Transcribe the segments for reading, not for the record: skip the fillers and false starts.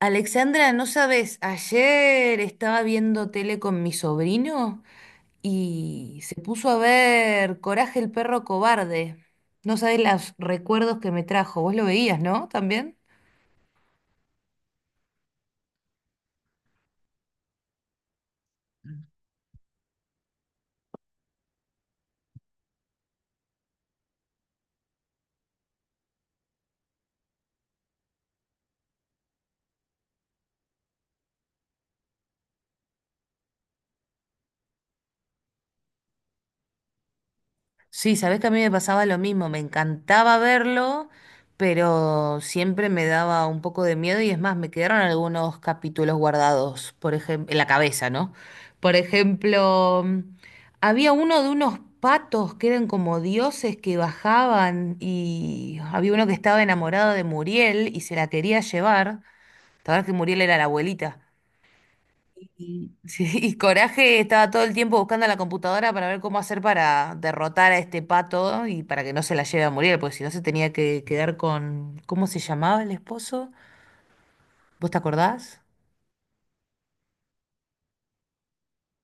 Alexandra, no sabes, ayer estaba viendo tele con mi sobrino y se puso a ver Coraje el perro cobarde. No sabes los recuerdos que me trajo. Vos lo veías, ¿no? También. Sí, sabés que a mí me pasaba lo mismo, me encantaba verlo, pero siempre me daba un poco de miedo y es más, me quedaron algunos capítulos guardados, por ejemplo, en la cabeza, ¿no? Por ejemplo, había uno de unos patos que eran como dioses que bajaban y había uno que estaba enamorado de Muriel y se la quería llevar, la verdad que Muriel era la abuelita. Y, sí, y Coraje estaba todo el tiempo buscando la computadora para ver cómo hacer para derrotar a este pato y para que no se la lleve a morir, porque si no se tenía que quedar con... ¿Cómo se llamaba el esposo? ¿Vos te acordás?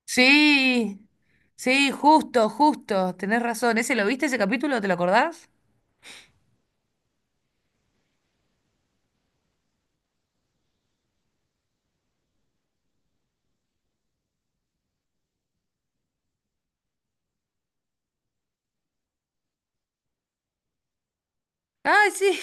Sí, sí, justo, justo, tenés razón. ¿Ese lo viste, ese capítulo? ¿Te lo acordás? Ay, sí.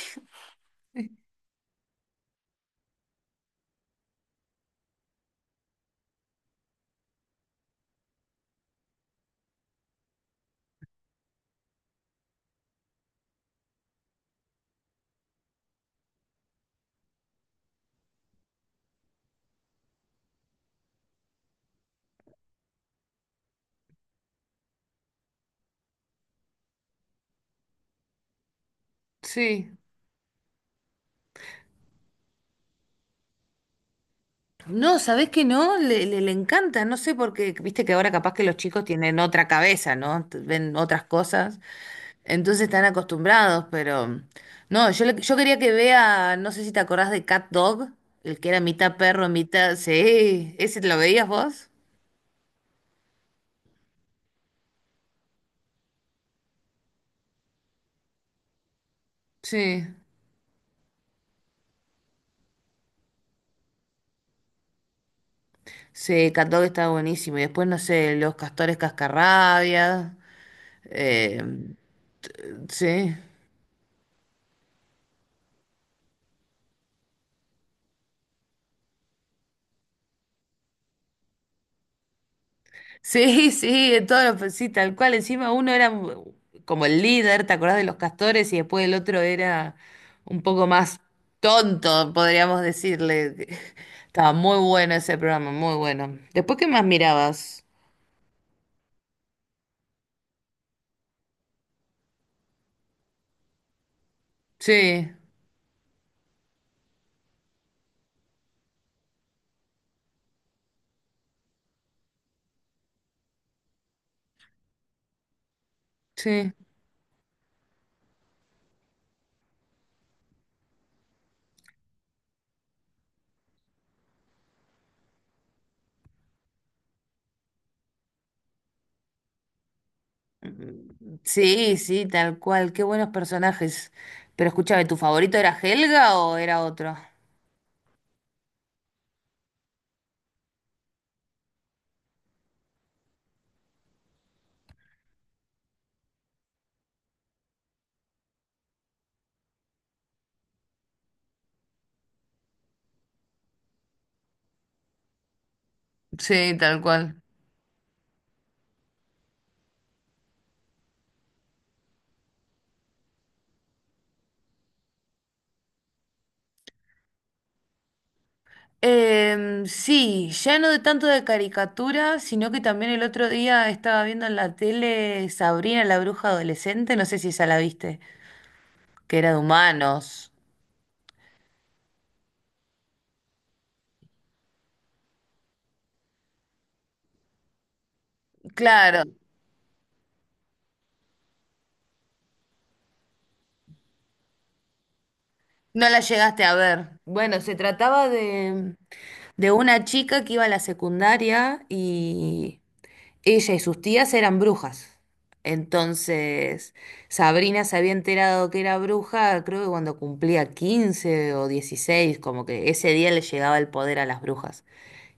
Sí. No, ¿sabés que no? Le encanta, no sé, porque viste que ahora capaz que los chicos tienen otra cabeza, ¿no? Ven otras cosas. Entonces están acostumbrados, pero no, yo, yo quería que vea, no sé si te acordás de Cat Dog, el que era mitad perro, mitad... Sí, ¿ese te lo veías vos? Sí. Sí, Cat Dog estaba buenísimo. Y después, no sé, los castores cascarrabias. eh, sí. Sí, sí, en todo, pues sí, tal cual. Encima uno era como el líder, ¿te acordás de los castores? Y después el otro era un poco más tonto, podríamos decirle. Estaba muy bueno ese programa, muy bueno. Después, ¿qué más mirabas? Sí, sí. Sí, sí, tal cual. Qué buenos personajes. Pero escúchame, ¿tu favorito era Helga o era otro? Sí, tal cual. Sí, ya no de tanto de caricatura, sino que también el otro día estaba viendo en la tele Sabrina la bruja adolescente, no sé si esa la viste, que era de humanos. Claro, no la llegaste a ver. Bueno, se trataba de una chica que iba a la secundaria y ella y sus tías eran brujas. Entonces, Sabrina se había enterado que era bruja, creo que cuando cumplía 15 o 16, como que ese día le llegaba el poder a las brujas.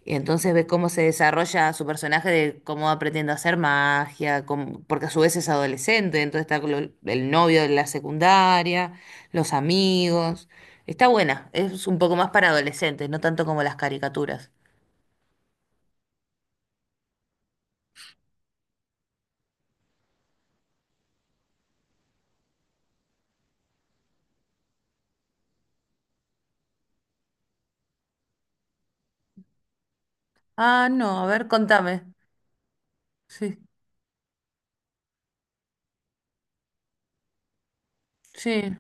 Y entonces ve cómo se desarrolla su personaje de cómo va aprendiendo a hacer magia, porque a su vez es adolescente, entonces está con el novio de la secundaria, los amigos. Está buena, es un poco más para adolescentes, no tanto como las caricaturas. Ah, no, a ver, contame. Sí, sí.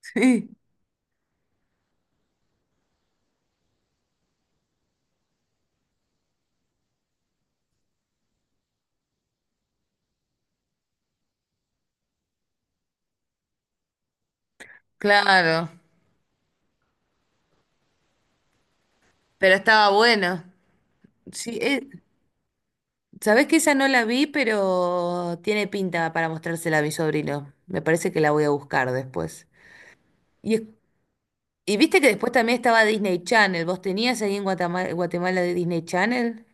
Sí, claro, pero estaba bueno. Sí, sabés que esa no la vi, pero tiene pinta para mostrársela a mi sobrino. Me parece que la voy a buscar después. Y, y viste que después también estaba Disney Channel. ¿Vos tenías ahí en Guatemala, de Disney Channel?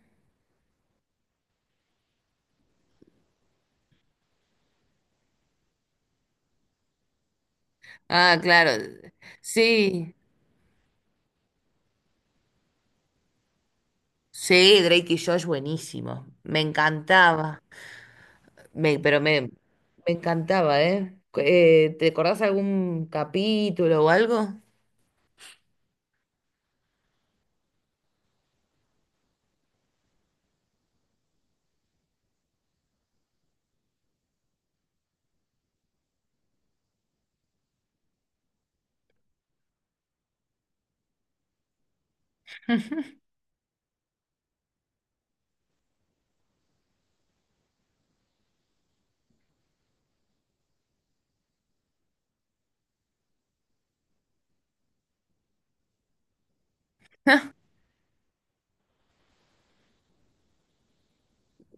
Ah, claro. Sí, sí, Drake y Josh, buenísimo. Me encantaba. Me, pero me, me encantaba, ¿eh? ¿Te acordás algún capítulo o algo?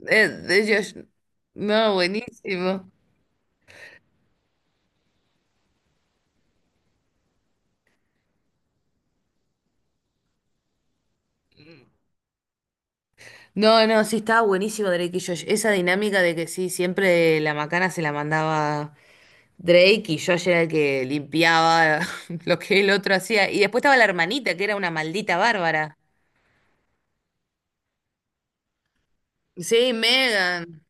De Josh. No, buenísimo. No, no, sí, estaba buenísimo Drake y Josh. Esa dinámica de que sí, siempre la macana se la mandaba Drake y Josh era el que limpiaba lo que el otro hacía. Y después estaba la hermanita, que era una maldita bárbara. Sí, Megan.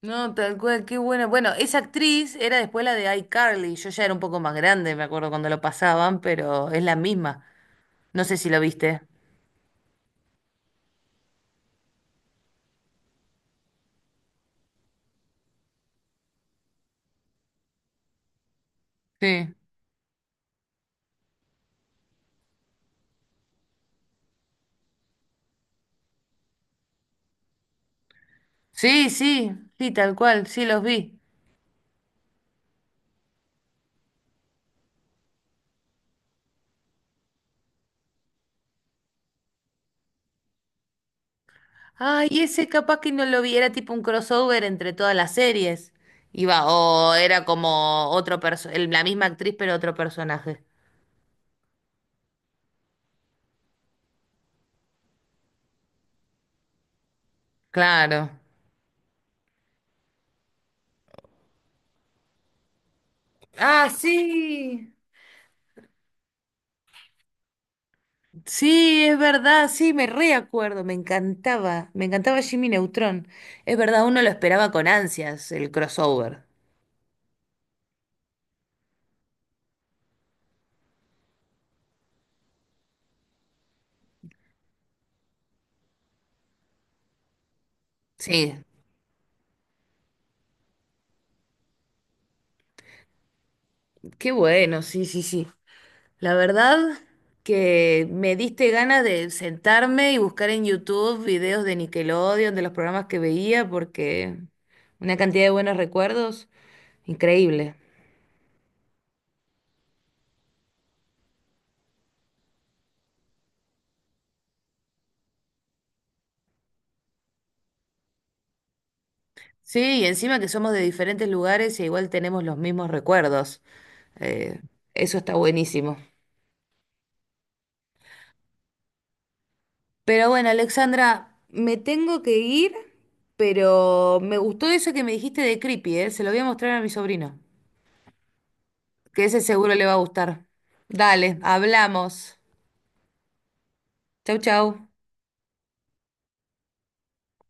No, tal cual, qué buena. Bueno, esa actriz era después la de iCarly. Yo ya era un poco más grande, me acuerdo cuando lo pasaban, pero es la misma. No sé si lo viste. Sí. Sí, sí, sí, tal cual, sí los vi. Ay, ese capaz que no lo vi, era tipo un crossover entre todas las series. Iba, o era como otro la misma actriz, pero otro personaje. Claro. Ah, sí. Sí, es verdad, sí, me reacuerdo, me encantaba Jimmy Neutron. Es verdad, uno lo esperaba con ansias, el crossover. Sí, qué bueno, sí, sí, sí. La verdad que me diste ganas de sentarme y buscar en YouTube videos de Nickelodeon, de los programas que veía, porque una cantidad de buenos recuerdos, increíble. Sí, y encima que somos de diferentes lugares e igual tenemos los mismos recuerdos. Eh, Eso está buenísimo. Pero bueno, Alexandra, me tengo que ir, pero me gustó eso que me dijiste de Creepy, ¿eh? Se lo voy a mostrar a mi sobrino, que ese seguro le va a gustar. Dale, hablamos. Chau, chau.